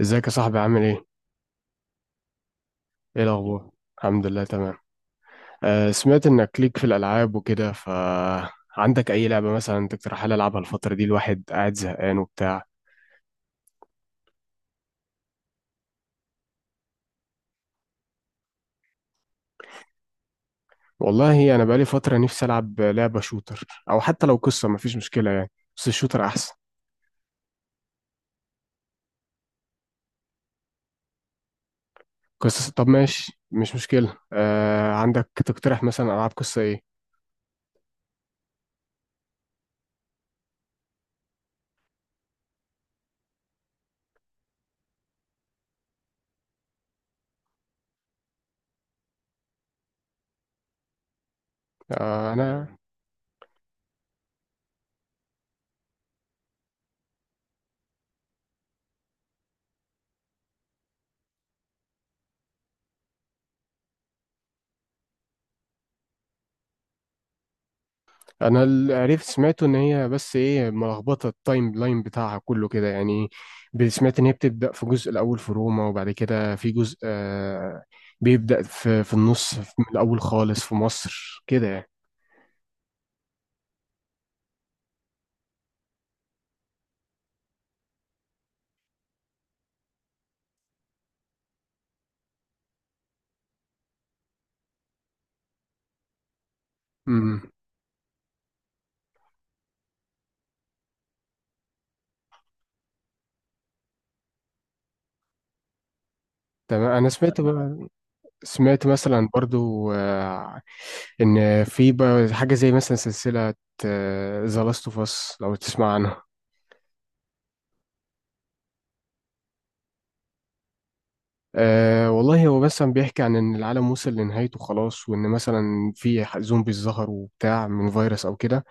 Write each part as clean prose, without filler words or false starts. ازيك يا صاحبي، عامل ايه؟ ايه الأخبار؟ الحمد لله، تمام. آه، سمعت انك ليك في الألعاب وكده، فعندك أي لعبة مثلا تقترحها لي ألعبها الفترة دي؟ الواحد قاعد زهقان وبتاع. والله أنا بقالي فترة نفسي ألعب لعبة شوتر، أو حتى لو قصة مفيش مشكلة يعني، بس الشوتر أحسن. قصص؟ طب ماشي، مش مشكلة. آه، عندك تقترح مثلا ألعاب قصة ايه؟ آه، أنا اللي عرفت سمعته ان هي بس ايه ملخبطه التايم لاين بتاعها كله كده يعني. سمعت ان هي بتبدا في جزء الاول في روما، وبعد كده في جزء، بيبدا في النص، في من الاول خالص في مصر كده يعني. امم. تمام، انا سمعت بقى، سمعت مثلا برضو ان في بقى حاجه زي مثلا سلسله ذا لاست اوف اس، لو تسمع عنها. أه، والله هو بس عم بيحكي عن إن العالم وصل لنهايته خلاص، وإن مثلا في زومبيز ظهروا وبتاع، من فيروس أو كده.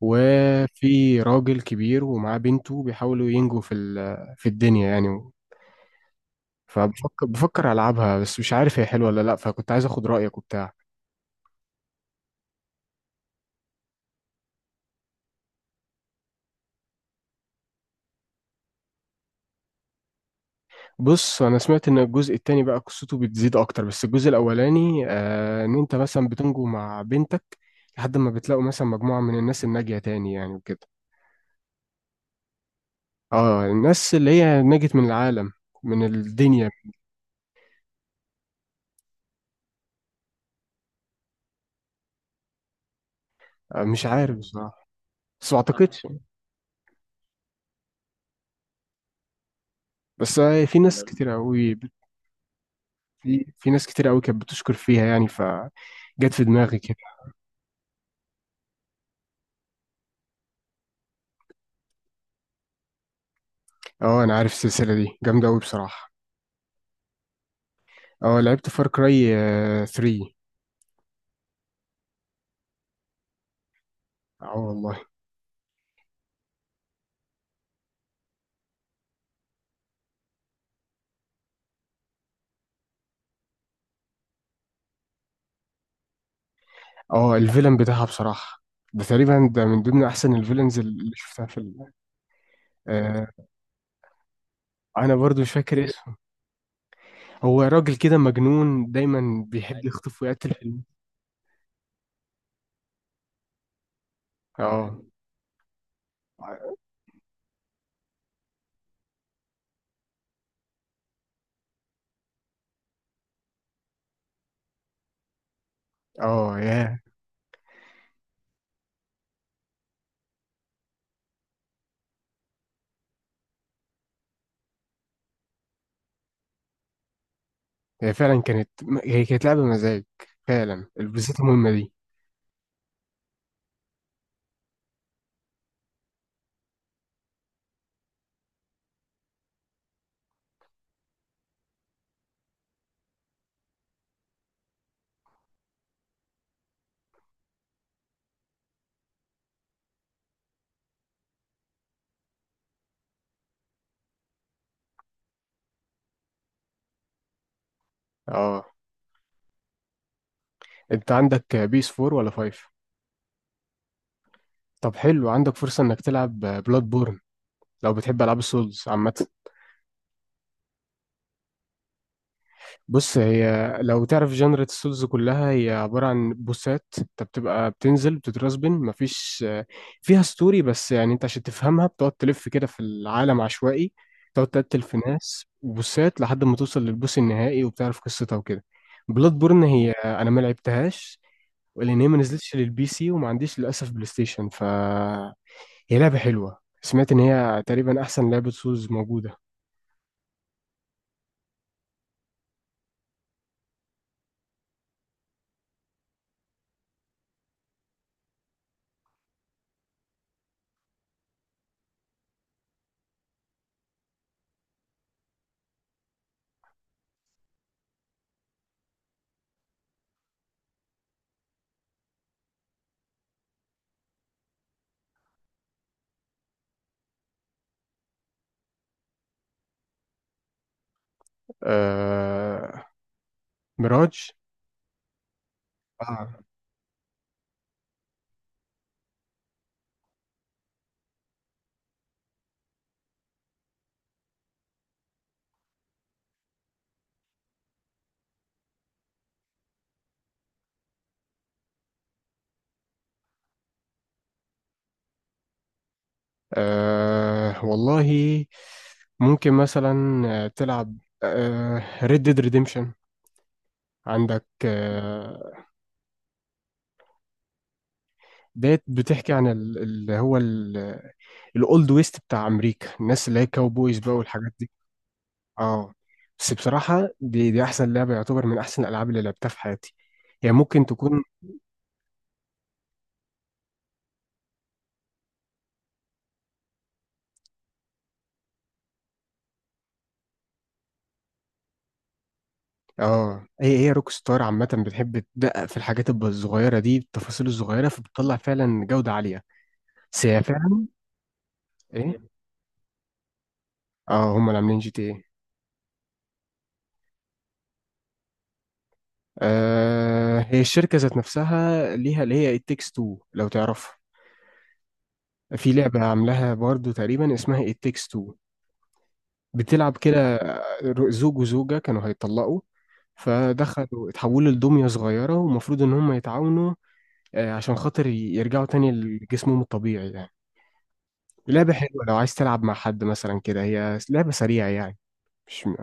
وفي راجل كبير ومعاه بنته بيحاولوا ينجوا في في الدنيا يعني. فبفكر بفكر ألعبها، بس مش عارف هي حلوة ولا لأ، فكنت عايز أخد رأيك وبتاع. بص أنا سمعت إن الجزء التاني بقى قصته بتزيد أكتر، بس الجزء الأولاني إن أنت مثلا بتنجو مع بنتك، لحد ما بتلاقوا مثلا مجموعة من الناس الناجية تاني يعني وكده. اه، الناس اللي هي نجت من العالم، من الدنيا. آه، مش عارف بصراحة، بس ما اعتقدش. بس في ناس كتير قوي، في ناس كتير قوي كانت بتشكر فيها يعني، فجت في دماغي كده. اه، انا عارف السلسلة دي جامدة قوي بصراحة. اه، لعبت فار كراي 3. اه والله. اه، الفيلم بتاعها بصراحة ده تقريبا ده من ضمن احسن الفيلنز اللي شفتها آه، انا برضو مش فاكر اسمه. هو راجل كده مجنون دايما بيحب يخطف ويقتل اه، اه، ياه. هي فعلا كانت هي كانت لعبة مزاج، فعلا، بالذات المهمة دي. اه، انت عندك بيس 4 ولا 5؟ طب حلو، عندك فرصة انك تلعب بلاد بورن لو بتحب العاب السولز عامة. بص، هي لو تعرف جنرة السولز، كلها هي عبارة عن بوسات. انت بتبقى بتنزل بتترسبن، مفيش فيها ستوري بس، يعني انت عشان تفهمها بتقعد تلف كده في العالم عشوائي، تقعد تقتل في ناس بوسات لحد ما توصل للبوس النهائي وبتعرف قصتها وكده. بلاد بورن هي انا ما لعبتهاش، لان هي ما نزلتش للبي سي وما عنديش للاسف بلاي ستيشن. هي لعبه حلوه، سمعت ان هي تقريبا احسن لعبه سولز موجوده. آه... ميراج. آه. والله، ممكن مثلا تلعب ريد ديد ريديمشن. عندك ديت بتحكي عن اللي هو الاولد ويست بتاع امريكا، الناس اللي هي كاوبويز بقى والحاجات دي. اه، بس بصراحة، دي أحسن لعبة، يعتبر من أحسن الألعاب اللي لعبتها في حياتي. هي ممكن تكون. اه، هي روك ستار عامة بتحب تدقق في الحاجات الصغيرة دي، التفاصيل الصغيرة، فبتطلع فعلا جودة عالية. بس هي فعلا. ايه. اه، هم اللي عاملين جي تي ايه. آه، هي الشركة ذات نفسها ليها اللي هي التكس 2 لو تعرفها. في لعبة عاملاها برضو تقريبا اسمها التكس 2، بتلعب كده، زوج وزوجة كانوا هيطلقوا، فدخلوا اتحولوا لدمية صغيرة، ومفروض إن هم يتعاونوا عشان خاطر يرجعوا تاني لجسمهم الطبيعي يعني. لعبة حلوة لو عايز تلعب مع حد مثلا كده، هي لعبة سريعة يعني، مش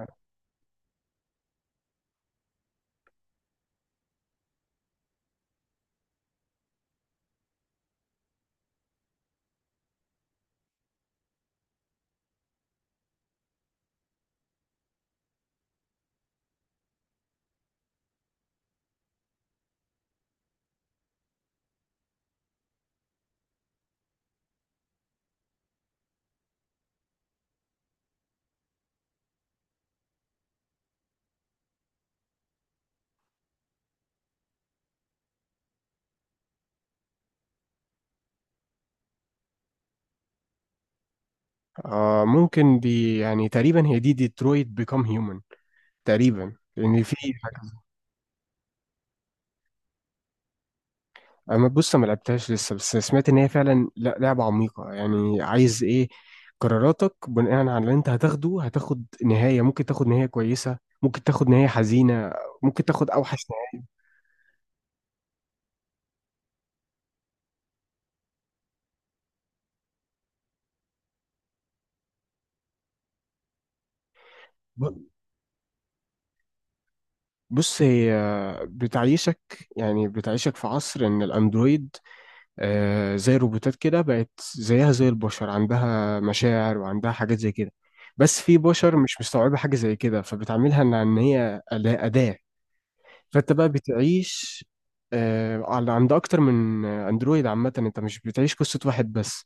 آه، ممكن دي يعني تقريبا هي دي ديترويت بيكام هيومن، تقريبا، لأن في. اما بص، ما لعبتهاش لسه، بس سمعت ان هي فعلا لعبه عميقه يعني، عايز ايه، قراراتك بناء على اللي انت هتاخده هتاخد نهايه، ممكن تاخد نهايه كويسه، ممكن تاخد نهايه حزينه، ممكن تاخد اوحش نهايه. ب- بص هي بتعيشك، يعني بتعيشك في عصر ان الاندرويد، آه، زي الروبوتات كده، بقت زيها زي البشر، عندها مشاعر وعندها حاجات زي كده، بس في بشر مش مستوعبه حاجه زي كده، فبتعملها إن هي أداه. فانت بقى بتعيش على عند اكتر من اندرويد عامه، انت مش بتعيش قصه واحد بس،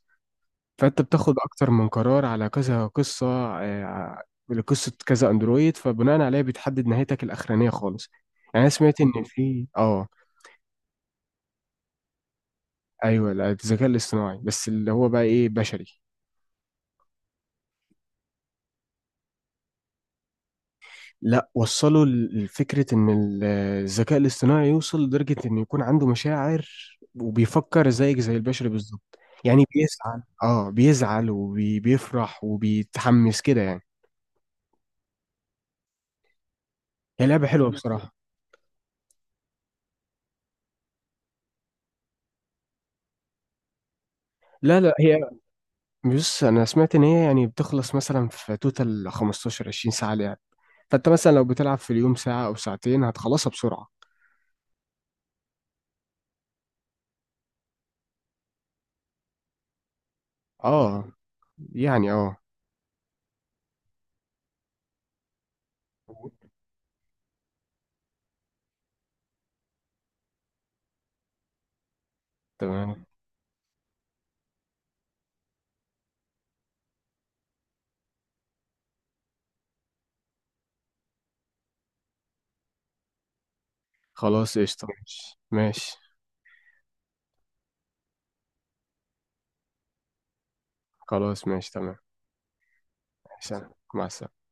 فانت بتاخد اكتر من قرار على كذا قصه آه، لقصه كذا اندرويد، فبناء عليها بتحدد نهايتك الاخرانيه خالص. يعني انا سمعت ان في ايوه، لا، الذكاء الاصطناعي بس اللي هو بقى ايه بشري. لا، وصلوا لفكرة إن الذكاء الاصطناعي يوصل لدرجة إنه يكون عنده مشاعر، وبيفكر زيك زي البشر بالظبط. يعني بيزعل وبيفرح وبيتحمس كده يعني. هي لعبة حلوة بصراحة. لا، لا، هي بص أنا سمعت إن هي يعني بتخلص مثلا في توتال 15 20 ساعة لعب، فأنت مثلا لو بتلعب في اليوم ساعة أو ساعتين هتخلصها بسرعة. اه، يعني اه. تمام. خلاص قشطة، ماشي ماشي. خلاص ماشي تمام. سلام، مع السلامة.